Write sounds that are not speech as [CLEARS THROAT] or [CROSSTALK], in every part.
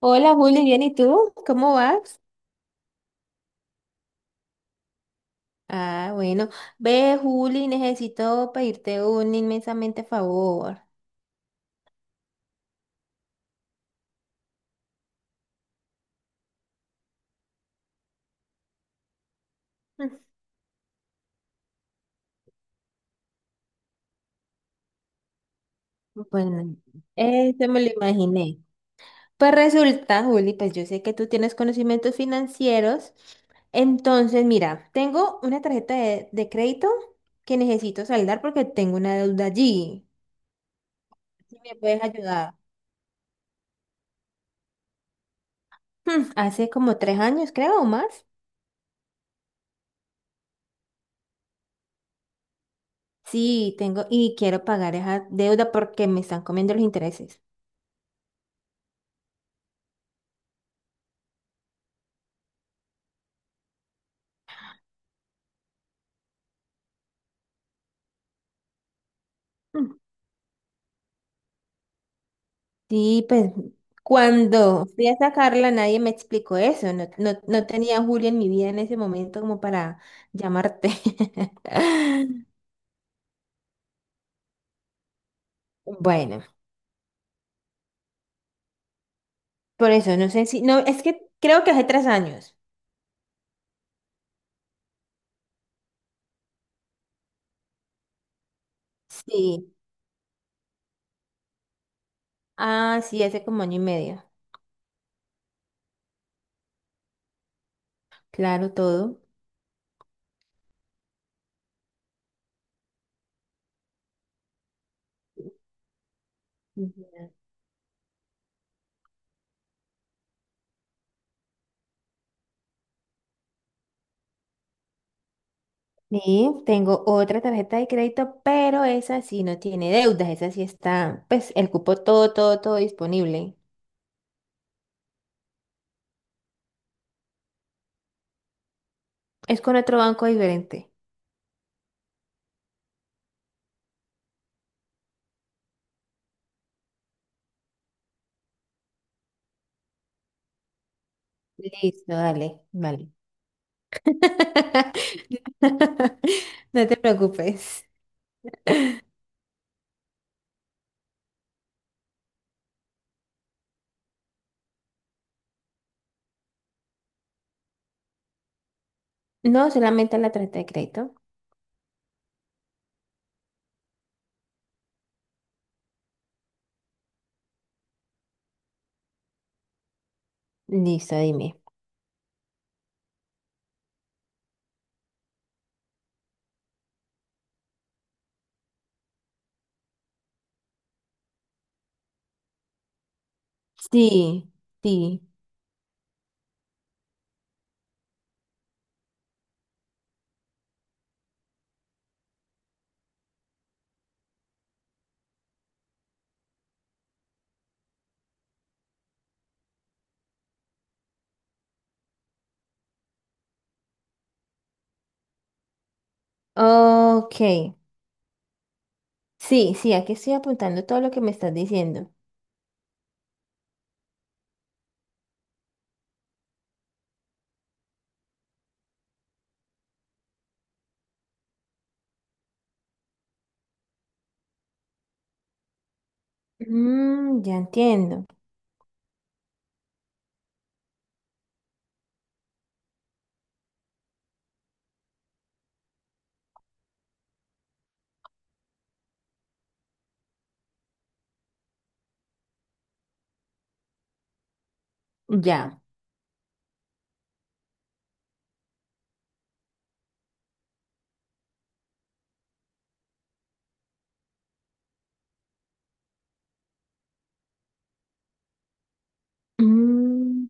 Hola Juli, bien, ¿y tú? ¿Cómo vas? Ah, bueno. Ve, Juli, necesito pedirte un inmensamente favor. Mm. Bueno, eso me lo imaginé. Pues resulta, Juli, pues yo sé que tú tienes conocimientos financieros. Entonces, mira, tengo una tarjeta de crédito que necesito saldar porque tengo una deuda allí. Si me puedes ayudar. Hace como tres años, creo, o más. Sí, tengo y quiero pagar esa deuda porque me están comiendo los intereses. Sí, pues cuando fui a sacarla nadie me explicó eso. No tenía a Julia en mi vida en ese momento como para llamarte. [LAUGHS] Bueno, por eso, no sé si... No, es que creo que hace tres años. Sí. Ah, sí, hace como año y medio. Claro, todo. Ujú. Sí, tengo otra tarjeta de crédito, pero esa sí no tiene deudas. Esa sí está, pues, el cupo todo disponible. Es con otro banco diferente. Listo, dale, vale. [LAUGHS] No te preocupes. No, solamente la tarjeta de crédito. Listo, dime. Sí, sí. Ok. Sí, sí, aquí estoy apuntando todo lo que me estás diciendo. Mm, ya entiendo. Ya. Mm,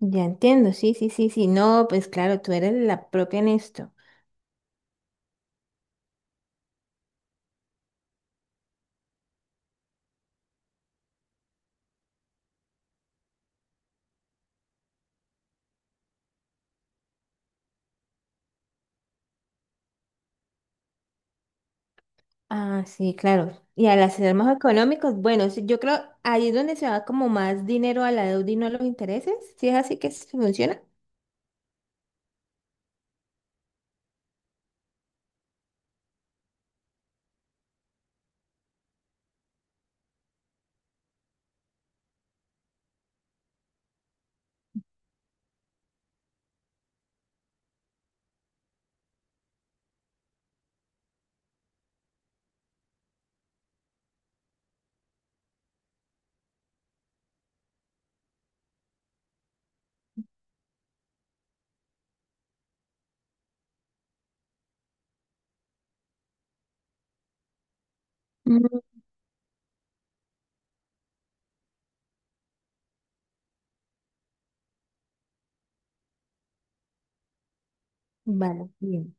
ya entiendo. Sí. No, pues claro, tú eres la propia en esto. Ah, sí, claro. Y al hacer más económicos, bueno, sí, yo creo ahí es donde se va como más dinero a la deuda y no a los intereses. Si es así que se funciona. Mm. Vale, bien.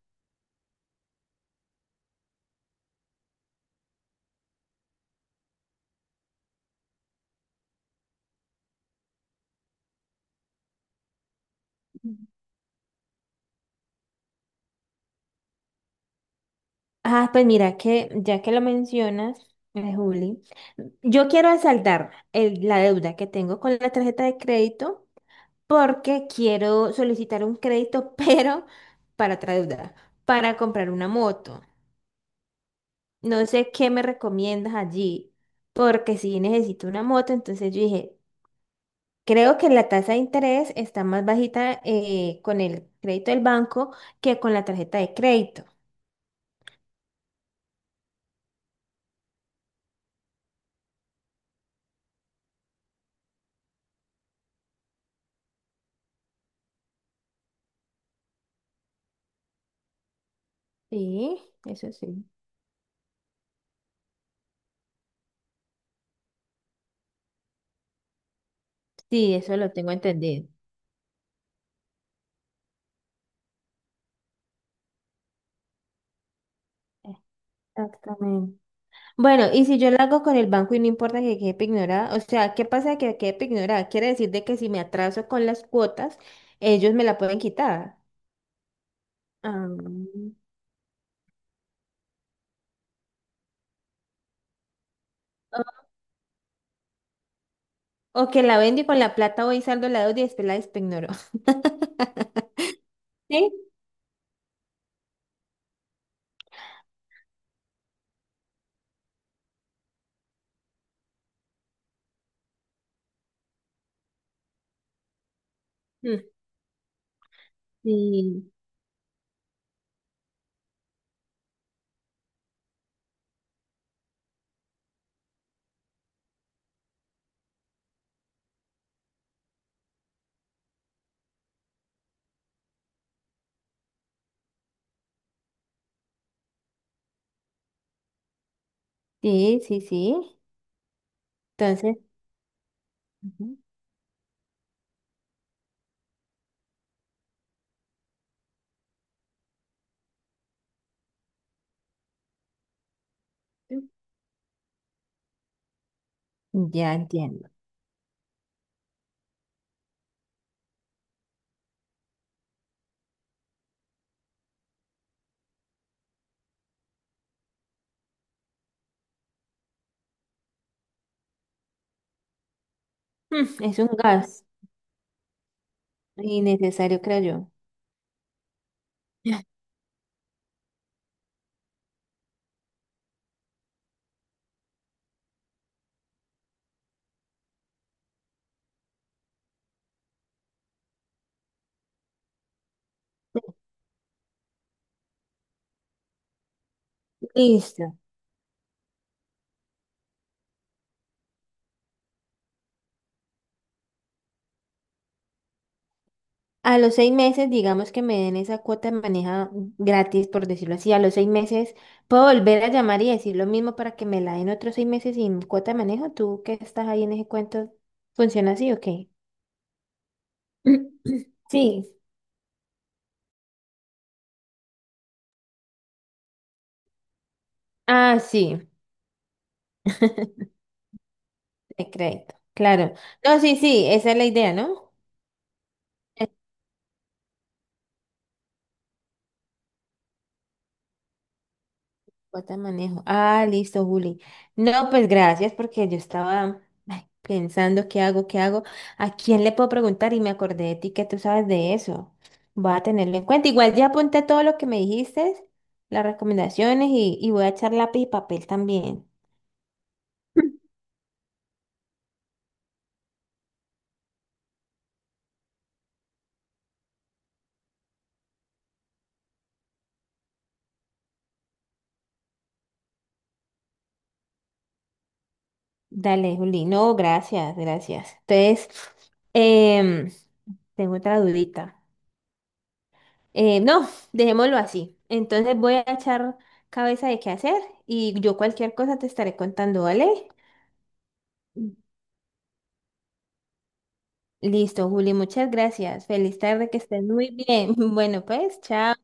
Ah, pues mira que ya que lo mencionas, Juli, yo quiero asaltar la deuda que tengo con la tarjeta de crédito porque quiero solicitar un crédito, [LAUGHS] pero para otra deuda, para comprar una moto. No sé qué me recomiendas allí, porque si necesito una moto, entonces yo dije, creo que la tasa de interés está más bajita con el crédito del banco que con la tarjeta de crédito. Sí, eso sí. Sí, eso lo tengo entendido. Exactamente. Bueno, y si yo lo hago con el banco y no importa que quede ignorada, o sea, ¿qué pasa que quede ignorada? Quiere decir de que si me atraso con las cuotas, ellos me la pueden quitar. Ah, O o que la vendo y con la plata voy saldo la deuda y después la despignoro. [LAUGHS] ¿Sí? Mm. Sí, sí. Entonces, ujú, ya entiendo. Mm, es un gas innecesario, creo yo. [LAUGHS] Listo. A los seis meses, digamos que me den esa cuota de maneja gratis, por decirlo así. A los seis meses puedo volver a llamar y decir lo mismo para que me la den otros seis meses sin cuota de manejo. ¿Tú que estás ahí en ese cuento? ¿Funciona así o qué? [CLEARS THROAT] Sí. Ah, sí. [LAUGHS] Te creo. Claro. No, sí, sí, esa es la idea, ¿no? Bota de manejo. Ah, listo, Juli. No, pues gracias porque yo estaba ay, pensando qué hago, a quién le puedo preguntar y me acordé de ti que tú sabes de eso. Voy a tenerlo en cuenta. Igual ya apunté todo lo que me dijiste, las recomendaciones y voy a echar lápiz y papel también. Dale, Juli. No, gracias, gracias. Entonces, em, tengo otra dudita. No, dejémoslo así. Entonces voy a echar cabeza de qué hacer y yo cualquier cosa te estaré contando, ¿vale? Listo, Juli, muchas gracias. Feliz tarde, que estés muy bien. [LAUGHS] Bueno, pues, chao.